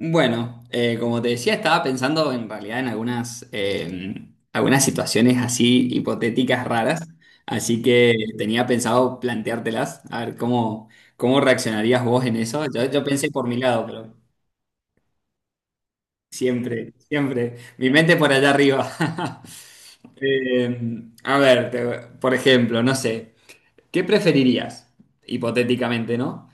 Bueno, como te decía, estaba pensando en realidad en algunas, algunas situaciones así hipotéticas raras, así que tenía pensado planteártelas, a ver cómo, cómo reaccionarías vos en eso. Yo pensé por mi lado, pero siempre, siempre, mi mente por allá arriba. Eh, a ver, por ejemplo, no sé, ¿qué preferirías? Hipotéticamente, ¿no?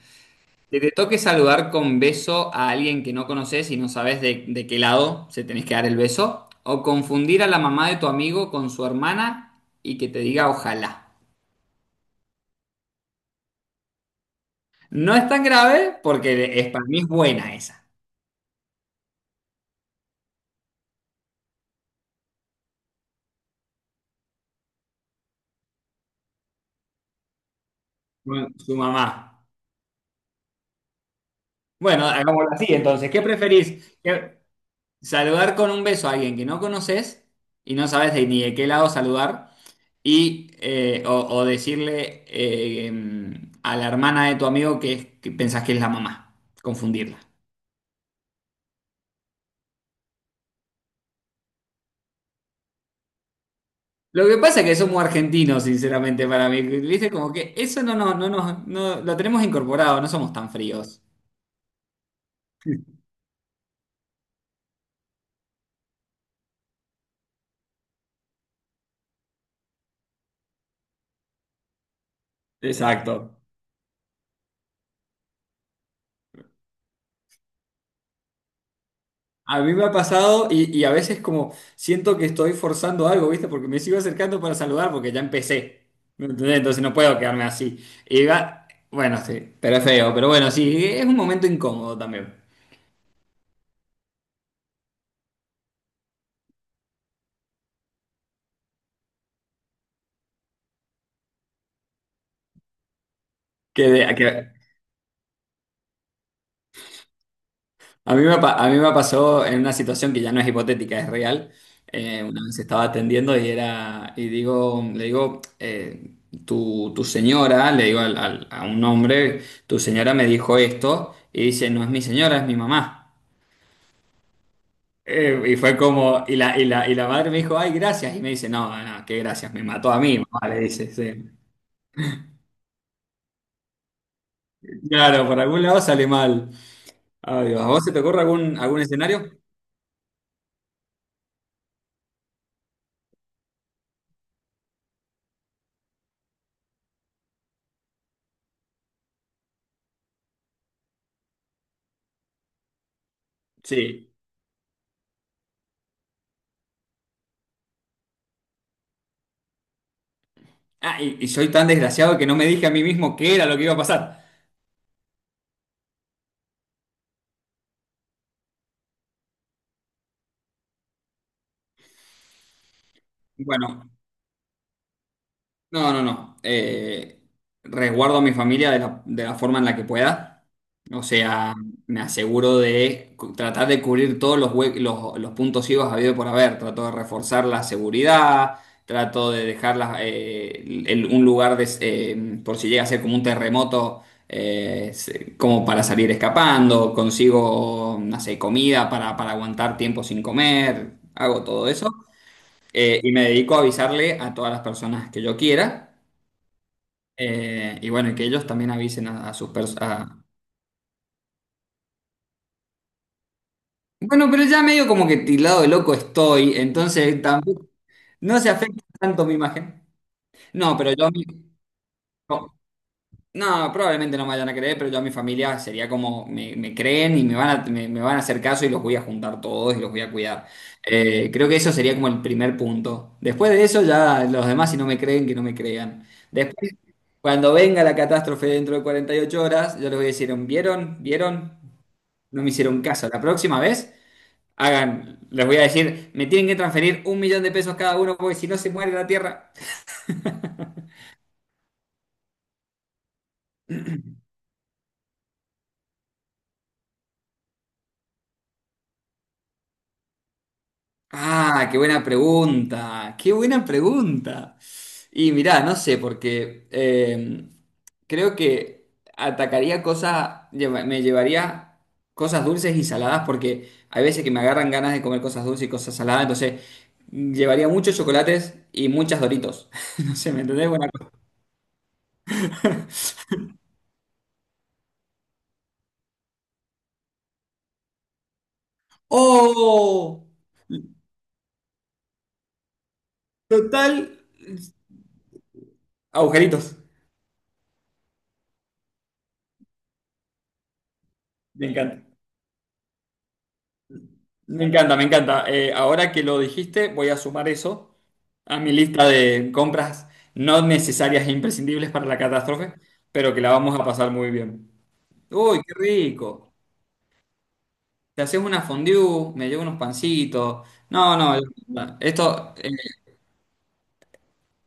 Que te toque saludar con beso a alguien que no conoces y no sabes de qué lado se tenés que dar el beso. O confundir a la mamá de tu amigo con su hermana y que te diga ojalá. No es tan grave porque es, para mí es buena esa. Bueno, su mamá. Bueno, hagámoslo así entonces. ¿Qué preferís? ¿Saludar con un beso a alguien que no conoces y no sabes ni de qué lado saludar? Y, o decirle a la hermana de tu amigo que, que pensás que es la mamá, confundirla. Lo que pasa es que somos argentinos, sinceramente, para mí. ¿Viste? Como que eso no, no, no, no, no lo tenemos incorporado, no somos tan fríos. Exacto. A mí me ha pasado y a veces como siento que estoy forzando algo, ¿viste? Porque me sigo acercando para saludar porque ya empecé. ¿Me entendés? Entonces no puedo quedarme así. Y va, bueno, sí, pero es feo, pero bueno, sí, es un momento incómodo también. Que, de- que A mí a mí me pasó en una situación que ya no es hipotética, es real. Una vez estaba atendiendo y era, y digo, le digo, tu señora, le digo a un hombre, tu señora me dijo esto, y dice, no es mi señora, es mi mamá. Y fue como, y la madre me dijo, ay, gracias. Y me dice, no, no, no, qué gracias, me mató a mí, mamá, le dice, sí. Claro, por algún lado sale mal. Ay, Dios, ¿a vos se te ocurre algún escenario? Sí. Ah, y soy tan desgraciado que no me dije a mí mismo qué era lo que iba a pasar. Bueno, no, no, no. Resguardo a mi familia de la forma en la que pueda. O sea, me aseguro de tratar de cubrir todos los, los puntos ciegos habido por haber. Trato de reforzar la seguridad, trato de dejar las, un lugar de por si llega a ser como un terremoto, como para salir escapando. Consigo, no sé, comida para aguantar tiempo sin comer. Hago todo eso. Y me dedico a avisarle a todas las personas que yo quiera. Y bueno, y que ellos también avisen a sus personas. Bueno, pero ya medio como que tildado de loco estoy, entonces tampoco no se afecta tanto mi imagen. No, pero yo a mi- No, no, probablemente no me vayan a creer, pero yo a mi familia sería como me creen y me van a me van a hacer caso y los voy a juntar todos y los voy a cuidar. Creo que eso sería como el primer punto. Después de eso, ya los demás, si no me creen, que no me crean. Después, cuando venga la catástrofe dentro de 48 horas, yo les voy a decir, ¿vieron? ¿Vieron? No me hicieron caso. La próxima vez, hagan, les voy a decir, me tienen que transferir 1.000.000 de pesos cada uno porque si no se muere la tierra. Ah, qué buena pregunta, qué buena pregunta. Y mirá, no sé, porque creo que atacaría cosas, me llevaría cosas dulces y saladas porque hay veces que me agarran ganas de comer cosas dulces y cosas saladas, entonces llevaría muchos chocolates y muchas Doritos. No sé, ¿me entendés? Buena cosa. ¡Oh! Total. Agujeritos. Me encanta. Me encanta, me encanta. Ahora que lo dijiste, voy a sumar eso a mi lista de compras no necesarias e imprescindibles para la catástrofe, pero que la vamos a pasar muy bien. Uy, qué rico. Te haces una fondue, me llevo unos pancitos. No, no, esto,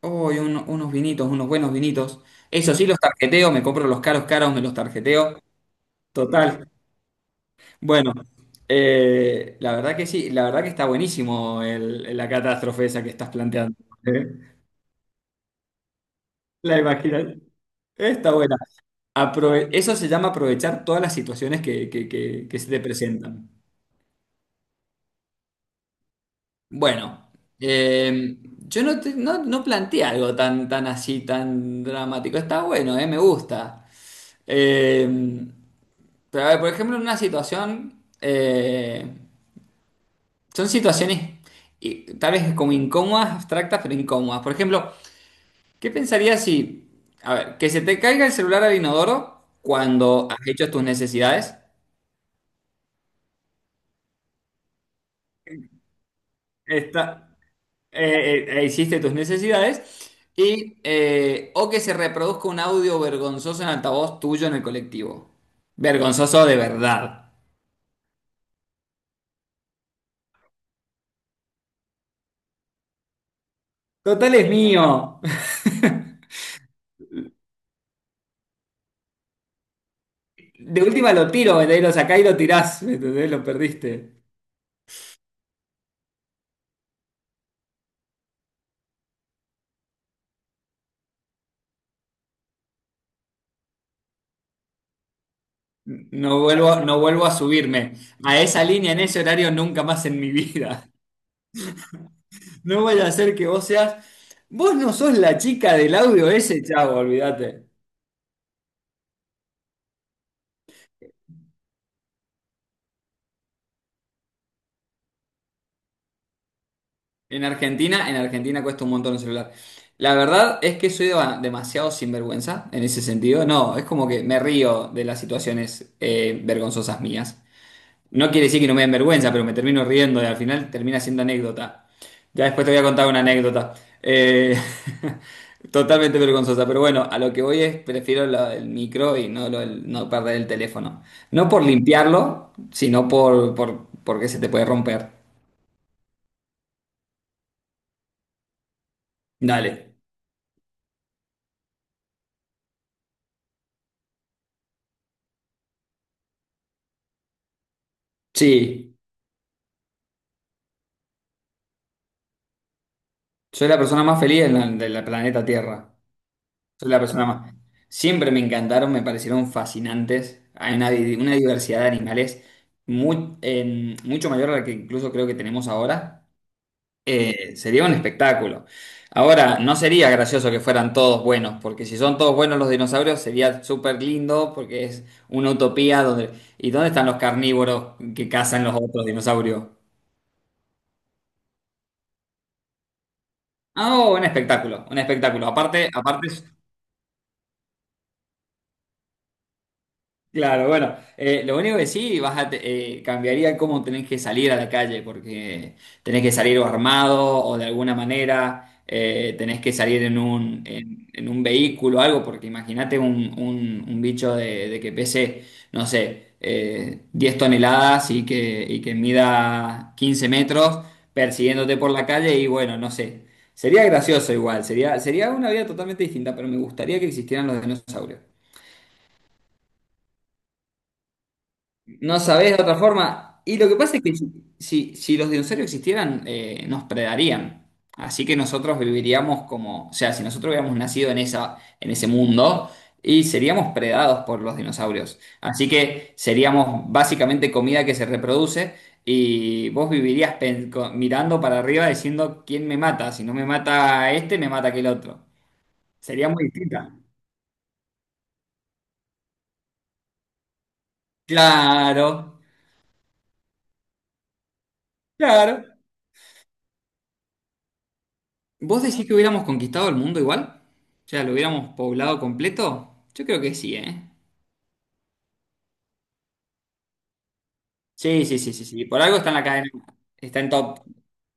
uy, unos vinitos, unos buenos vinitos. Eso sí, los tarjeteo, me compro los caros caros, me los tarjeteo. Total. Bueno, la verdad que sí, la verdad que está buenísimo la catástrofe esa que estás planteando. ¿Eh? La imaginación. Está buena. Eso se llama aprovechar todas las situaciones que, que se te presentan. Bueno, eh, yo no, no, no planteé algo tan, tan así, tan dramático. Está bueno, me gusta. Eh, pero a ver, por ejemplo, en una situación, son situaciones y tal vez como incómodas, abstractas, pero incómodas. Por ejemplo, ¿qué pensarías si, a ver, que se te caiga el celular al inodoro cuando has hecho tus necesidades? Esta- Hiciste tus necesidades, y, o que se reproduzca un audio vergonzoso en altavoz tuyo en el colectivo. Vergonzoso de verdad. Total es mío. De última lo tiro, ¿me entendés? Lo sacás y lo tirás, ¿me entendés? Lo perdiste. No vuelvo a subirme a esa línea en ese horario nunca más en mi vida. No vaya a ser que vos seas. Vos no sos la chica del audio ese, chavo, olvídate. En Argentina cuesta un montón el celular. La verdad es que soy demasiado sinvergüenza en ese sentido. No, es como que me río de las situaciones vergonzosas mías. No quiere decir que no me den vergüenza, pero me termino riendo y al final termina siendo anécdota. Ya después te voy a contar una anécdota. Eh, totalmente vergonzosa, pero bueno, a lo que voy es, prefiero lo del micro y no, no perder el teléfono. No por limpiarlo, sino por, porque se te puede romper. Dale. Sí, soy la persona más feliz en del planeta Tierra. Soy la persona más. Siempre me encantaron, me parecieron fascinantes. Hay una, una diversidad de animales muy, mucho mayor a la que incluso creo que tenemos ahora. Sería un espectáculo. Ahora, no sería gracioso que fueran todos buenos, porque si son todos buenos los dinosaurios sería súper lindo, porque es una utopía donde... ¿Y dónde están los carnívoros que cazan los otros dinosaurios? Ah, oh, un espectáculo, un espectáculo. Aparte, aparte claro, bueno, lo único que sí, cambiaría cómo tenés que salir a la calle, porque tenés que salir o armado o de alguna manera, tenés que salir en un, en un vehículo o algo, porque imagínate un, un bicho de que pese, no sé, 10 toneladas y que mida 15 metros persiguiéndote por la calle y bueno, no sé, sería gracioso igual, sería, sería una vida totalmente distinta, pero me gustaría que existieran los dinosaurios. No sabés de otra forma. Y lo que pasa es que si, si los dinosaurios existieran, nos predarían. Así que nosotros viviríamos como, o sea, si nosotros hubiéramos nacido en esa, en ese mundo, y seríamos predados por los dinosaurios. Así que seríamos básicamente comida que se reproduce y vos vivirías mirando para arriba diciendo quién me mata. Si no me mata este, me mata aquel otro. Sería muy distinta. Claro, claro. ¿Vos decís que hubiéramos conquistado el mundo igual? O sea, ¿lo hubiéramos poblado completo? Yo creo que sí, ¿eh? Sí, sí, sí, sí, sí. Por algo está en la cadena. Está en top.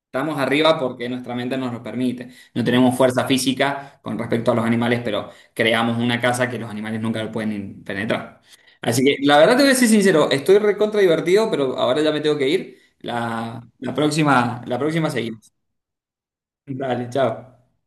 Estamos arriba porque nuestra mente nos lo permite. No tenemos fuerza física con respecto a los animales, pero creamos una casa que los animales nunca lo pueden penetrar. Así que la verdad te voy a ser sincero, estoy recontra divertido, pero ahora ya me tengo que ir. La, la próxima seguimos. Dale, chao.